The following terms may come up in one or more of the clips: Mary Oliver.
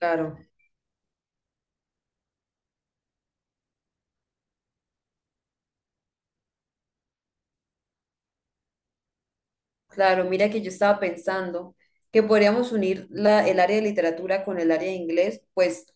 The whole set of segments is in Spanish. Claro, claro. Mira que yo estaba pensando que podríamos unir el área de literatura con el área de inglés, pues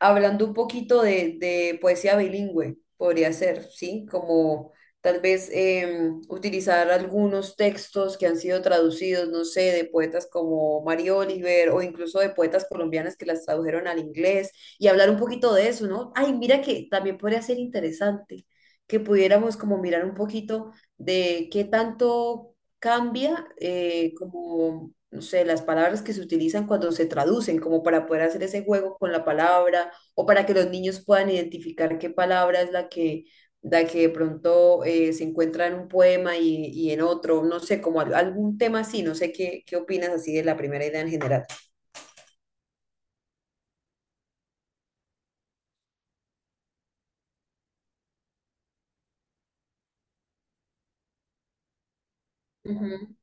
hablando un poquito de poesía bilingüe, podría ser, ¿sí? Como tal vez utilizar algunos textos que han sido traducidos, no sé, de poetas como Mary Oliver o incluso de poetas colombianas que las tradujeron al inglés y hablar un poquito de eso, ¿no? Ay, mira que también podría ser interesante que pudiéramos como mirar un poquito de qué tanto cambia como, no sé, las palabras que se utilizan cuando se traducen, como para poder hacer ese juego con la palabra o para que los niños puedan identificar qué palabra es la que de pronto se encuentra en un poema y en otro, no sé, como algún tema así, no sé qué, qué opinas así de la primera idea en general. Ujú,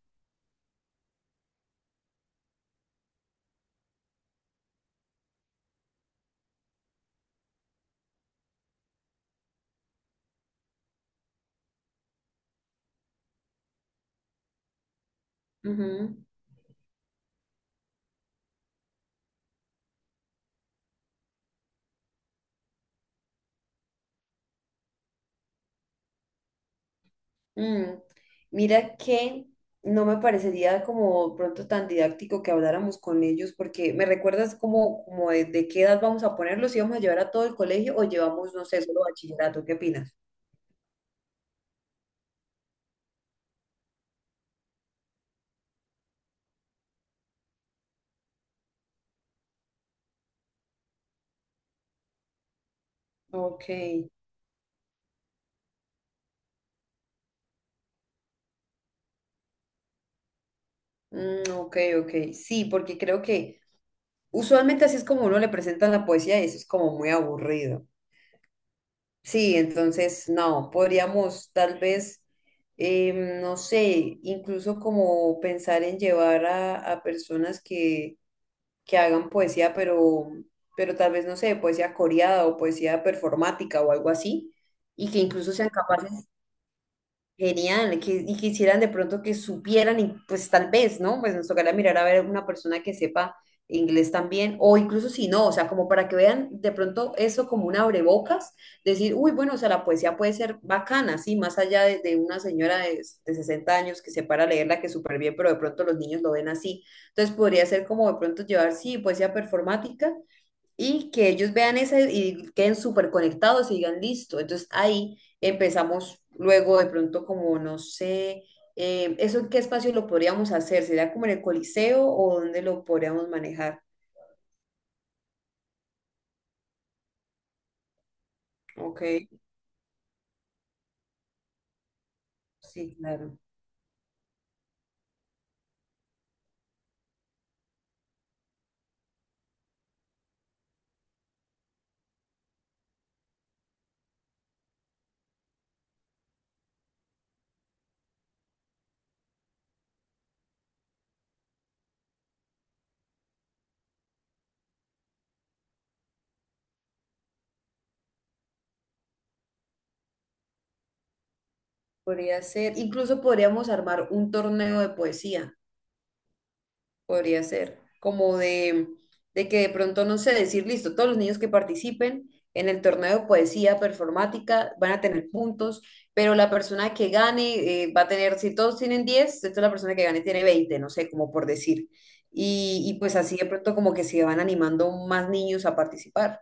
ujú. Mm, Mira que no me parecería como pronto tan didáctico que habláramos con ellos, porque me recuerdas como, como de qué edad vamos a ponerlos, si vamos a llevar a todo el colegio o llevamos, no sé, solo bachillerato, ¿qué opinas? Ok, mm, ok, ok. Sí, porque creo que usualmente así es como uno le presenta la poesía y eso es como muy aburrido. Sí, entonces no, podríamos tal vez, no sé, incluso como pensar en llevar a personas que hagan poesía, pero tal vez, no sé, poesía coreada o poesía performática o algo así, y que incluso sean capaces. Genial, que, y quisieran de pronto que supieran, y pues tal vez, ¿no? Pues nos tocará mirar a ver una persona que sepa inglés también, o incluso si no, o sea, como para que vean de pronto eso como un abrebocas, decir, uy, bueno, o sea, la poesía puede ser bacana, sí, más allá de una señora de 60 años que se para a leerla, que súper bien, pero de pronto los niños lo ven así. Entonces podría ser como de pronto llevar, sí, poesía performática, y que ellos vean ese y queden súper conectados y digan listo. Entonces ahí empezamos luego de pronto como, no sé, ¿eso en qué espacio lo podríamos hacer? ¿Sería como en el Coliseo o dónde lo podríamos manejar? Ok, sí, claro. Podría ser, incluso podríamos armar un torneo de poesía. Podría ser, como de que de pronto, no sé, decir, listo, todos los niños que participen en el torneo de poesía performática van a tener puntos, pero la persona que gane va a tener, si todos tienen 10 entonces la persona que gane tiene 20, no sé, como por decir. Y pues así de pronto como que se van animando más niños a participar.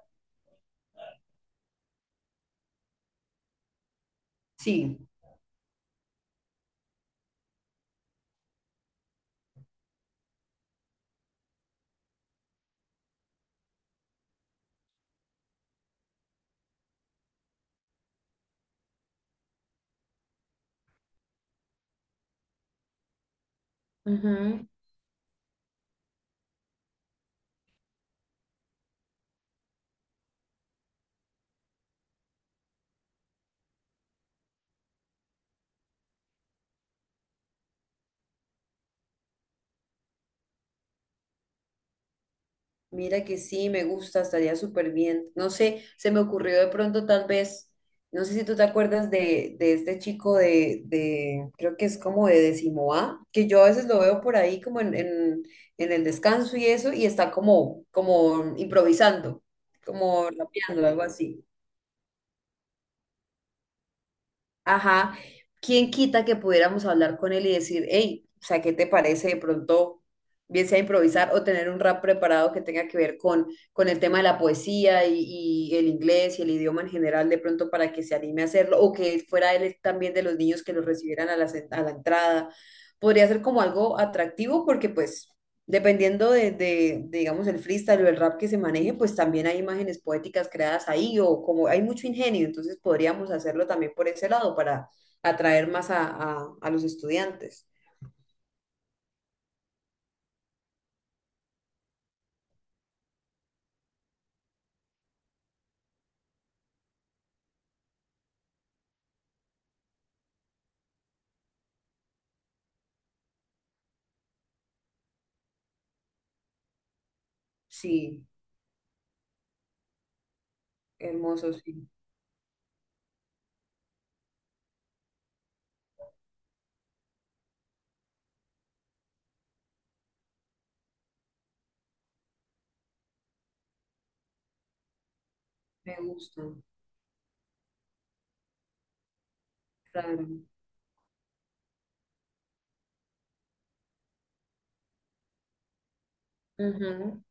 Sí. Ujú. Mira que sí, me gusta, estaría súper bien. No sé, se me ocurrió de pronto tal vez, no sé si tú te acuerdas de este chico creo que es como de décimo A, que yo a veces lo veo por ahí como en el descanso y eso, y está como, como improvisando, como rapeando, algo así. Ajá, ¿quién quita que pudiéramos hablar con él y decir, hey, o sea, ¿qué te parece de pronto, bien sea improvisar o tener un rap preparado que tenga que ver con el tema de la poesía y el inglés y el idioma en general, de pronto para que se anime a hacerlo o que fuera él también de los niños que los recibieran a la, a la entrada? Podría ser como algo atractivo porque pues... Dependiendo de, digamos, el freestyle o el rap que se maneje, pues también hay imágenes poéticas creadas ahí o como hay mucho ingenio, entonces podríamos hacerlo también por ese lado para atraer más a los estudiantes. Sí, hermoso, sí, me gusta, claro. Ujú,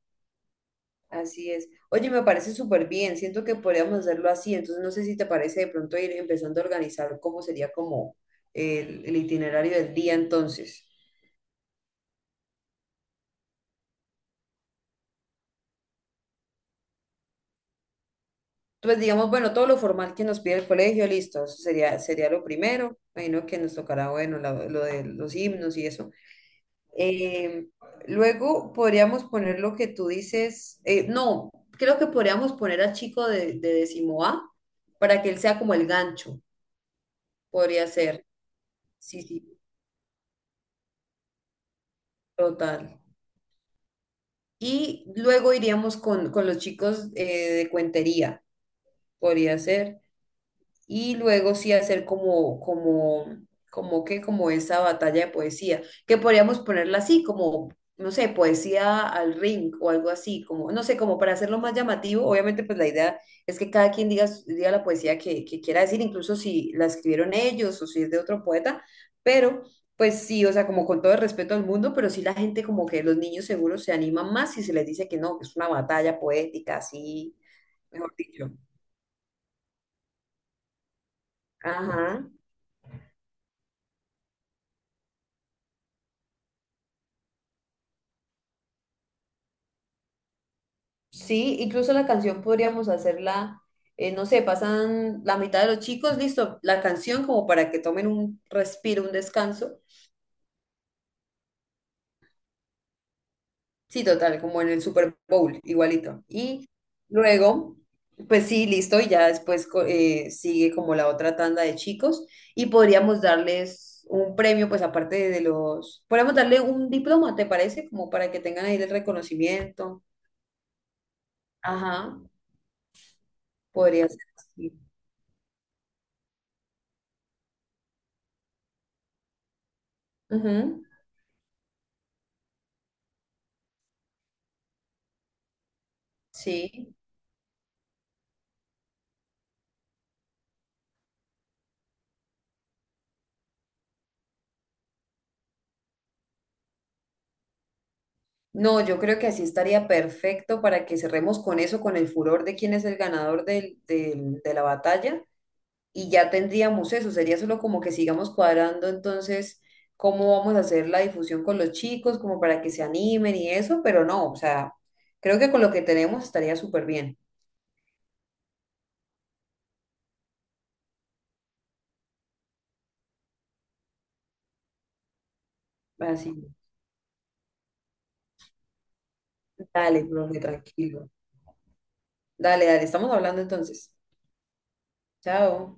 así es. Oye, me parece súper bien, siento que podríamos hacerlo así, entonces no sé si te parece de pronto ir empezando a organizar cómo sería como el itinerario del día entonces. Pues digamos, bueno, todo lo formal que nos pide el colegio, listo, eso sería, sería lo primero. Imagino que nos tocará, bueno, lo de los himnos y eso. Eh, luego podríamos poner lo que tú dices, no, creo que podríamos poner al chico de décimo A para que él sea como el gancho, podría ser. Sí, sí, total. Y luego iríamos con los chicos de cuentería, podría ser. Y luego sí hacer como, como, como que, como esa batalla de poesía, que podríamos ponerla así, como, no sé, poesía al ring o algo así, como, no sé, como para hacerlo más llamativo, obviamente pues la idea es que cada quien diga, diga la poesía que quiera decir, incluso si la escribieron ellos o si es de otro poeta, pero... Pues sí, o sea, como con todo el respeto al mundo, pero sí la gente como que los niños seguros se animan más si se les dice que no, que es una batalla poética, así, mejor dicho. Ajá. Sí, incluso la canción podríamos hacerla, no sé, pasan la mitad de los chicos, listo, la canción como para que tomen un respiro, un descanso. Sí, total, como en el Super Bowl, igualito. Y luego, pues sí, listo, y ya después sigue como la otra tanda de chicos y podríamos darles un premio, pues aparte de los, podríamos darle un diploma, ¿te parece? Como para que tengan ahí el reconocimiento. Ajá, podría ser así. Ujú, sí. No, yo creo que así estaría perfecto para que cerremos con eso, con el furor de quién es el ganador de la batalla y ya tendríamos eso. Sería solo como que sigamos cuadrando entonces cómo vamos a hacer la difusión con los chicos, como para que se animen y eso, pero no, o sea, creo que con lo que tenemos estaría súper bien. Así, dale, profe, tranquilo. Dale, dale, estamos hablando entonces. Chao.